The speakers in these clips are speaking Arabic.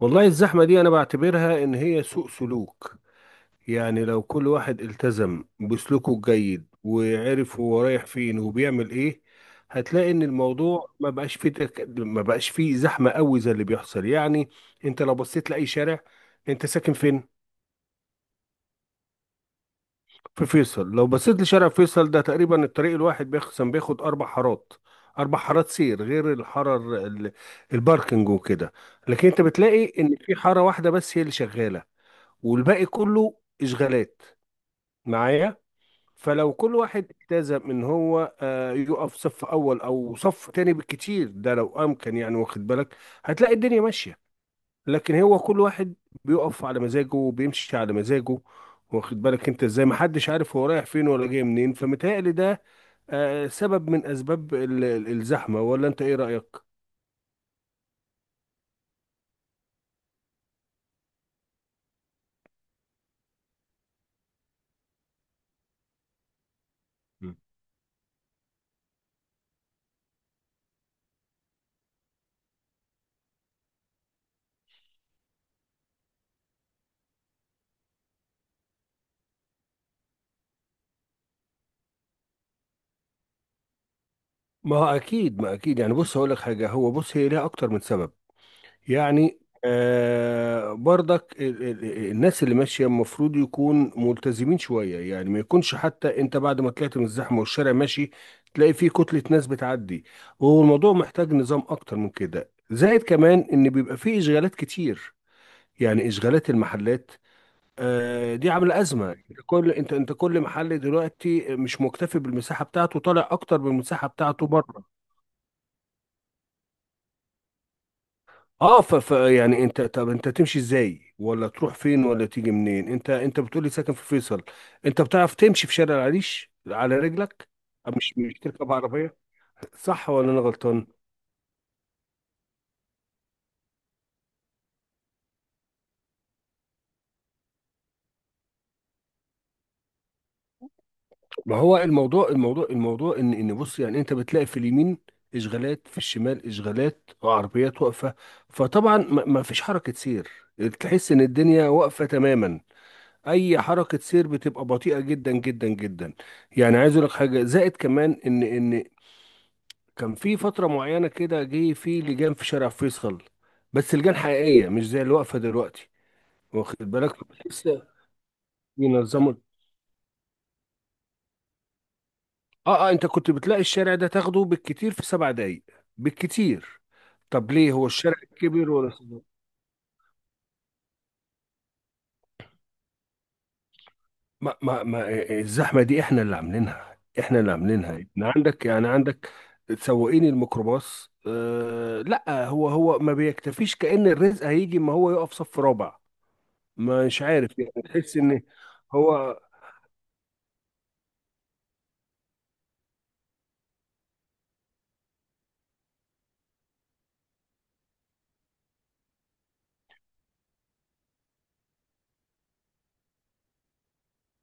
والله الزحمة دي أنا بعتبرها إن هي سوء سلوك. يعني لو كل واحد التزم بسلوكه الجيد وعرف هو رايح فين وبيعمل إيه، هتلاقي إن الموضوع ما بقاش فيه ما بقاش فيه زحمة قوي زي اللي بيحصل يعني. أنت لو بصيت لأي شارع، أنت ساكن فين؟ في فيصل، لو بصيت لشارع فيصل ده تقريبا الطريق الواحد بيخصم بياخد 4 حارات، 4 حارات سير غير الباركنج وكده. لكن أنت بتلاقي إن في حارة واحدة بس هي اللي شغالة، والباقي كله اشغالات معايا. فلو كل واحد التزم ان هو يقف صف اول او صف تاني بالكتير، ده لو امكن يعني، واخد بالك، هتلاقي الدنيا ماشيه. لكن هو كل واحد بيقف على مزاجه وبيمشي على مزاجه، واخد بالك انت ازاي، محدش عارف هو رايح فين ولا جاي منين، فمتهيألي ده سبب من اسباب الزحمه، ولا انت ايه رايك؟ مم. ما هو اكيد، ما اكيد، يعني بص هقول لك حاجه، هو بص هي ليها اكتر من سبب يعني. آه برضك الناس اللي ماشية المفروض يكون ملتزمين شوية، يعني ما يكونش حتى انت بعد ما طلعت من الزحمة والشارع ماشي تلاقي فيه كتلة ناس بتعدي، وهو الموضوع محتاج نظام اكتر من كده، زائد كمان ان بيبقى فيه اشغالات كتير، يعني اشغالات المحلات، آه دي عاملة ازمة. كل انت انت كل محل دلوقتي مش مكتفي بالمساحة بتاعته، طالع اكتر من المساحة بتاعته بره. اه يعني انت، طب انت تمشي ازاي ولا تروح فين ولا تيجي منين؟ انت انت بتقولي ساكن في فيصل، انت بتعرف تمشي في شارع العريش على رجلك؟ مش مش تركب عربيه، صح ولا انا غلطان؟ ما هو الموضوع ان ان بص، يعني انت بتلاقي في اليمين اشغالات، في الشمال اشغالات وعربيات واقفه، فطبعا ما فيش حركه سير، تحس ان الدنيا واقفه تماما، اي حركه سير بتبقى بطيئه جدا جدا جدا. يعني عايز اقول لك حاجه، زائد كمان ان كان في فترة معينة كده جه في لجان في شارع فيصل، بس لجان حقيقية مش زي اللي واقفة دلوقتي، واخد بالك، لسه بينظموا. اه اه، انت كنت بتلاقي الشارع ده تاخده بالكتير في 7 دقايق، بالكتير. طب ليه، هو الشارع كبير ولا صغير؟ ما ما ما الزحمة دي احنا اللي عاملينها، احنا اللي عاملينها، يعني عندك سواقين الميكروباص، آه لا، هو ما بيكتفيش، كأن الرزق هيجي ما هو يقف صف رابع، مش عارف، يعني تحس ان هو.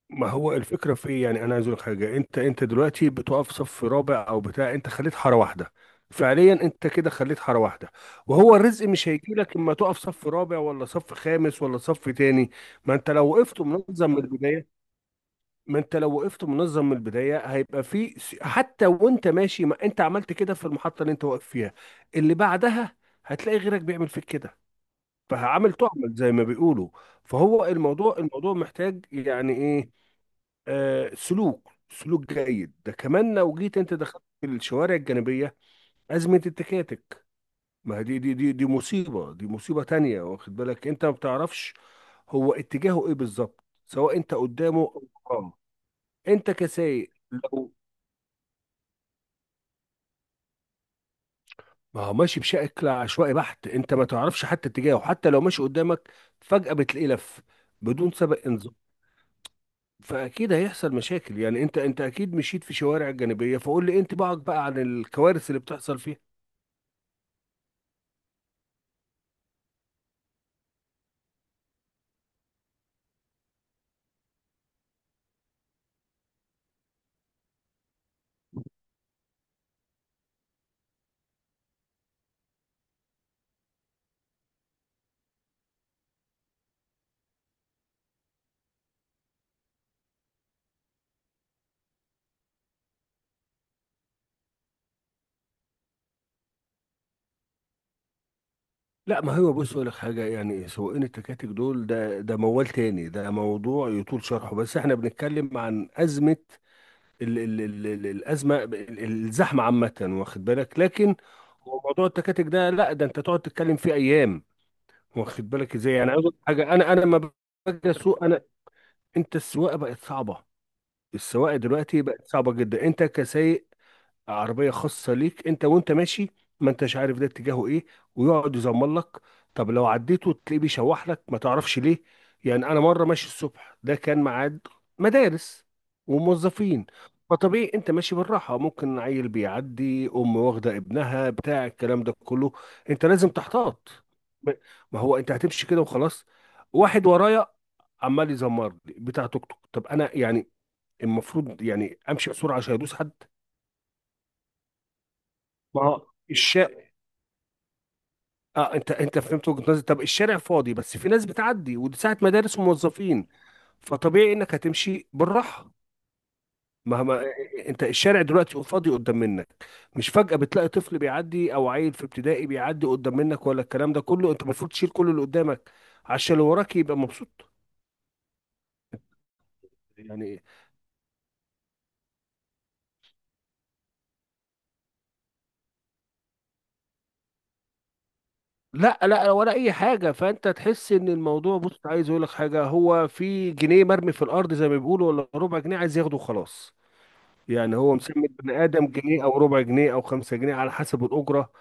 ما هو الفكره في إيه؟ يعني انا عايز اقول لك حاجه، انت انت دلوقتي بتقف صف رابع او بتاع، انت خليت حاره واحده، فعليا انت كده خليت حاره واحده، وهو الرزق مش هيجي لك اما تقف صف رابع ولا صف خامس ولا صف تاني. ما انت لو وقفت منظم من البدايه ما انت لو وقفت منظم من البدايه هيبقى في حتى وانت ماشي، ما انت عملت كده في المحطه اللي انت واقف فيها، اللي بعدها هتلاقي غيرك بيعمل فيك كده، فعامل تعمل زي ما بيقولوا. فهو الموضوع محتاج يعني ايه، سلوك سلوك جيد. ده كمان لو جيت انت دخلت في الشوارع الجانبيه، ازمه التكاتك، ما هي دي مصيبه، دي مصيبه تانية، واخد بالك، انت ما بتعرفش هو اتجاهه ايه بالظبط، سواء انت قدامه او وراه، انت كسايق لو. ما هو ماشي بشكل عشوائي بحت، انت ما تعرفش حتى اتجاهه حتى لو ماشي قدامك، فجاه بتلاقيه لف بدون سابق انذار. فاكيد هيحصل مشاكل يعني، انت انت اكيد مشيت في شوارع جانبيه، فقول لي انت بقى عن الكوارث اللي بتحصل فيها. لا ما هو بص اقول لك حاجه، يعني سواقين التكاتك دول ده موال تاني، ده موضوع يطول شرحه، بس احنا بنتكلم عن ازمه، ال ال ال ال الازمه الزحمه عامه، واخد بالك، لكن هو موضوع التكاتك ده لا، ده انت تقعد تتكلم فيه ايام، واخد بالك ازاي، يعني عاوز أقول لك حاجه، انا لما باجي اسوق انا، انت السواقه بقت صعبه، السواقه دلوقتي بقت صعبه جدا، انت كسايق عربية خاصة ليك انت، وانت ماشي ما انتش عارف ده اتجاهه ايه، ويقعد يزمر لك، طب لو عديته تلاقيه بيشوح لك، ما تعرفش ليه. يعني انا مرة ماشي الصبح، ده كان ميعاد مدارس وموظفين، فطبيعي انت ماشي بالراحة، ممكن عيل بيعدي، ام واخدة ابنها، بتاع الكلام ده كله، انت لازم تحتاط. ما ما هو انت هتمشي كده وخلاص، واحد ورايا عمال يزمر لي، بتاع توك توك، طب انا يعني المفروض يعني امشي بسرعة عشان يدوس حد؟ ما هو الشا اه، انت انت فهمت وجهة نظري، طب الشارع فاضي بس في ناس بتعدي، ودي ساعة مدارس وموظفين، فطبيعي انك هتمشي بالراحة مهما. انت الشارع دلوقتي فاضي قدام منك، مش فجأة بتلاقي طفل بيعدي او عيل في ابتدائي بيعدي قدام منك ولا الكلام ده كله، انت المفروض تشيل كل اللي قدامك عشان اللي وراك يبقى مبسوط يعني. لا لا ولا اي حاجة، فانت تحس ان الموضوع بص، عايز اقول لك حاجة، هو في جنيه مرمي في الارض زي ما بيقولوا، ولا ربع جنيه عايز ياخده وخلاص. يعني هو مسمي البني آدم جنيه أو ربع جنيه أو 5 جنيه على حسب الأجرة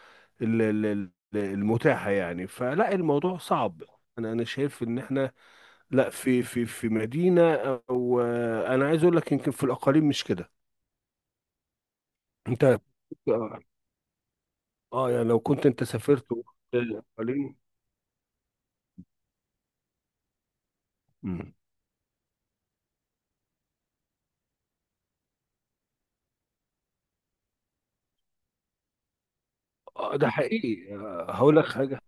المتاحة يعني، فلا الموضوع صعب. أنا شايف إن إحنا لا في في مدينة، أو أنا عايز أقول لك يمكن في الأقاليم مش كده، أنت آه يعني لو كنت أنت سافرت وقت الأقاليم. مم. آه ده حقيقي، هقول لك حاجة،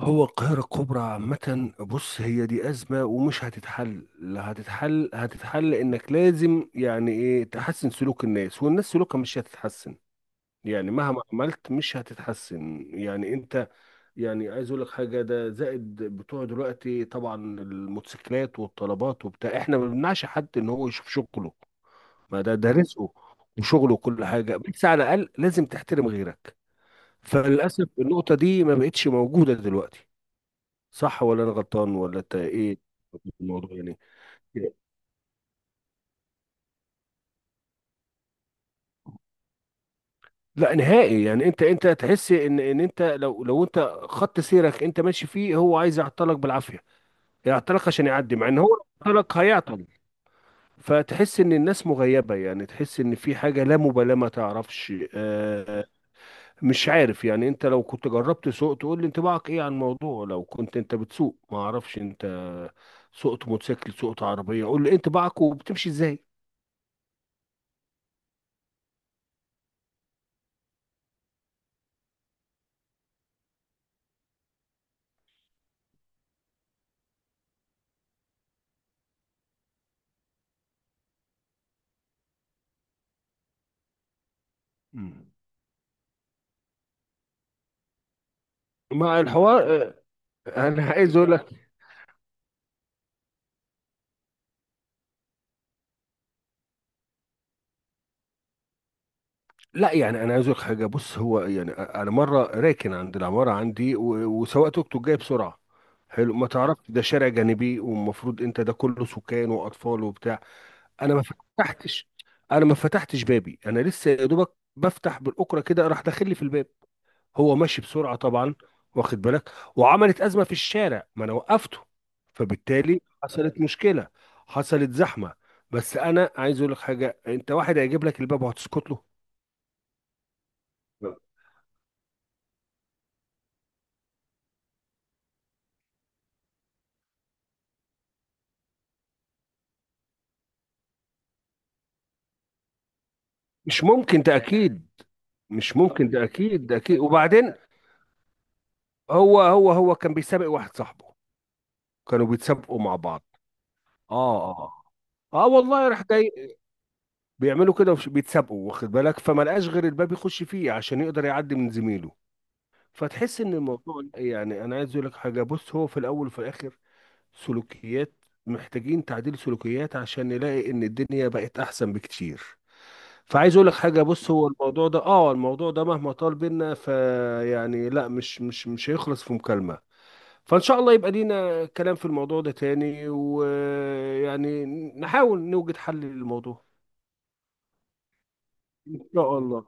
هو القاهرة الكبرى عامة، بص هي دي أزمة ومش هتتحل، لا هتتحل، هتتحل إنك لازم يعني إيه، تحسن سلوك الناس، والناس سلوكها مش هتتحسن، يعني مهما عملت مش هتتحسن يعني أنت. يعني عايز أقول لك حاجة، ده زائد بتوع دلوقتي طبعا، الموتوسيكلات والطلبات وبتاع، إحنا ما بنمنعش حد إن هو يشوف شغله، ما ده رزقه وشغله وكل حاجة، بس على الأقل لازم تحترم غيرك، فللأسف النقطة دي ما بقتش موجودة دلوقتي، صح ولا انا غلطان، ولا انت ايه في الموضوع يعني؟ لا نهائي، يعني انت انت تحس ان ان انت لو انت خط سيرك انت ماشي فيه، هو عايز يعطلك بالعافيه، يعطلك عشان يعدي، مع ان هو لو عطلك هيعطل، فتحس ان الناس مغيبه، يعني تحس ان في حاجه لا مبالاه، ما تعرفش مش عارف. يعني انت لو كنت جربت سوق تقول لي انطباعك ايه عن الموضوع، لو كنت انت بتسوق، ما اعرفش انت سوقت موتوسيكل سوقت عربيه، قول لي ايه انطباعك وبتمشي ازاي. مم. مع الحوار آه، انا عايز اقول لك، لا يعني انا عايز اقول لك حاجه، بص هو يعني انا مره راكن عند العماره عندي وسواق توك توك جاي بسرعه، حلو، ما تعرفش ده شارع جانبي، والمفروض انت ده كله سكان واطفال وبتاع. انا ما فتحتش انا ما فتحتش بابي، انا لسه يا دوبك بفتح بالاكره كده، راح داخل لي في الباب، هو ماشي بسرعه طبعا، واخد بالك، وعملت ازمه في الشارع ما انا وقفته، فبالتالي حصلت مشكله، حصلت زحمه. بس انا عايز اقول لك حاجه، انت واحد هيجيب لك الباب وهتسكت له؟ مش ممكن ده اكيد، مش ممكن ده اكيد، ده اكيد، وبعدين هو كان بيسابق واحد صاحبه، كانوا بيتسابقوا مع بعض. اه اه اه والله راح جاي، بيعملوا كده بيتسابقوا، واخد بالك، فما لقاش غير الباب يخش فيه عشان يقدر يعدي من زميله. فتحس ان الموضوع يعني، انا عايز اقول لك حاجه، بص هو في الاول وفي الاخر سلوكيات، محتاجين تعديل سلوكيات عشان نلاقي ان الدنيا بقت احسن بكتير. فعايز اقول لك حاجه، بص هو الموضوع ده، اه الموضوع ده مهما طال بينا، فيعني لا مش هيخلص في مكالمه. فان شاء الله يبقى لينا كلام في الموضوع ده تاني، ويعني نحاول نوجد حل للموضوع، ان شاء الله.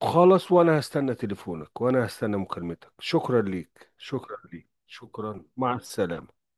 خلاص، وانا هستنى تليفونك، وانا هستنى مكالمتك، شكرا ليك، شكرا ليك، شكرا، مع السلامه.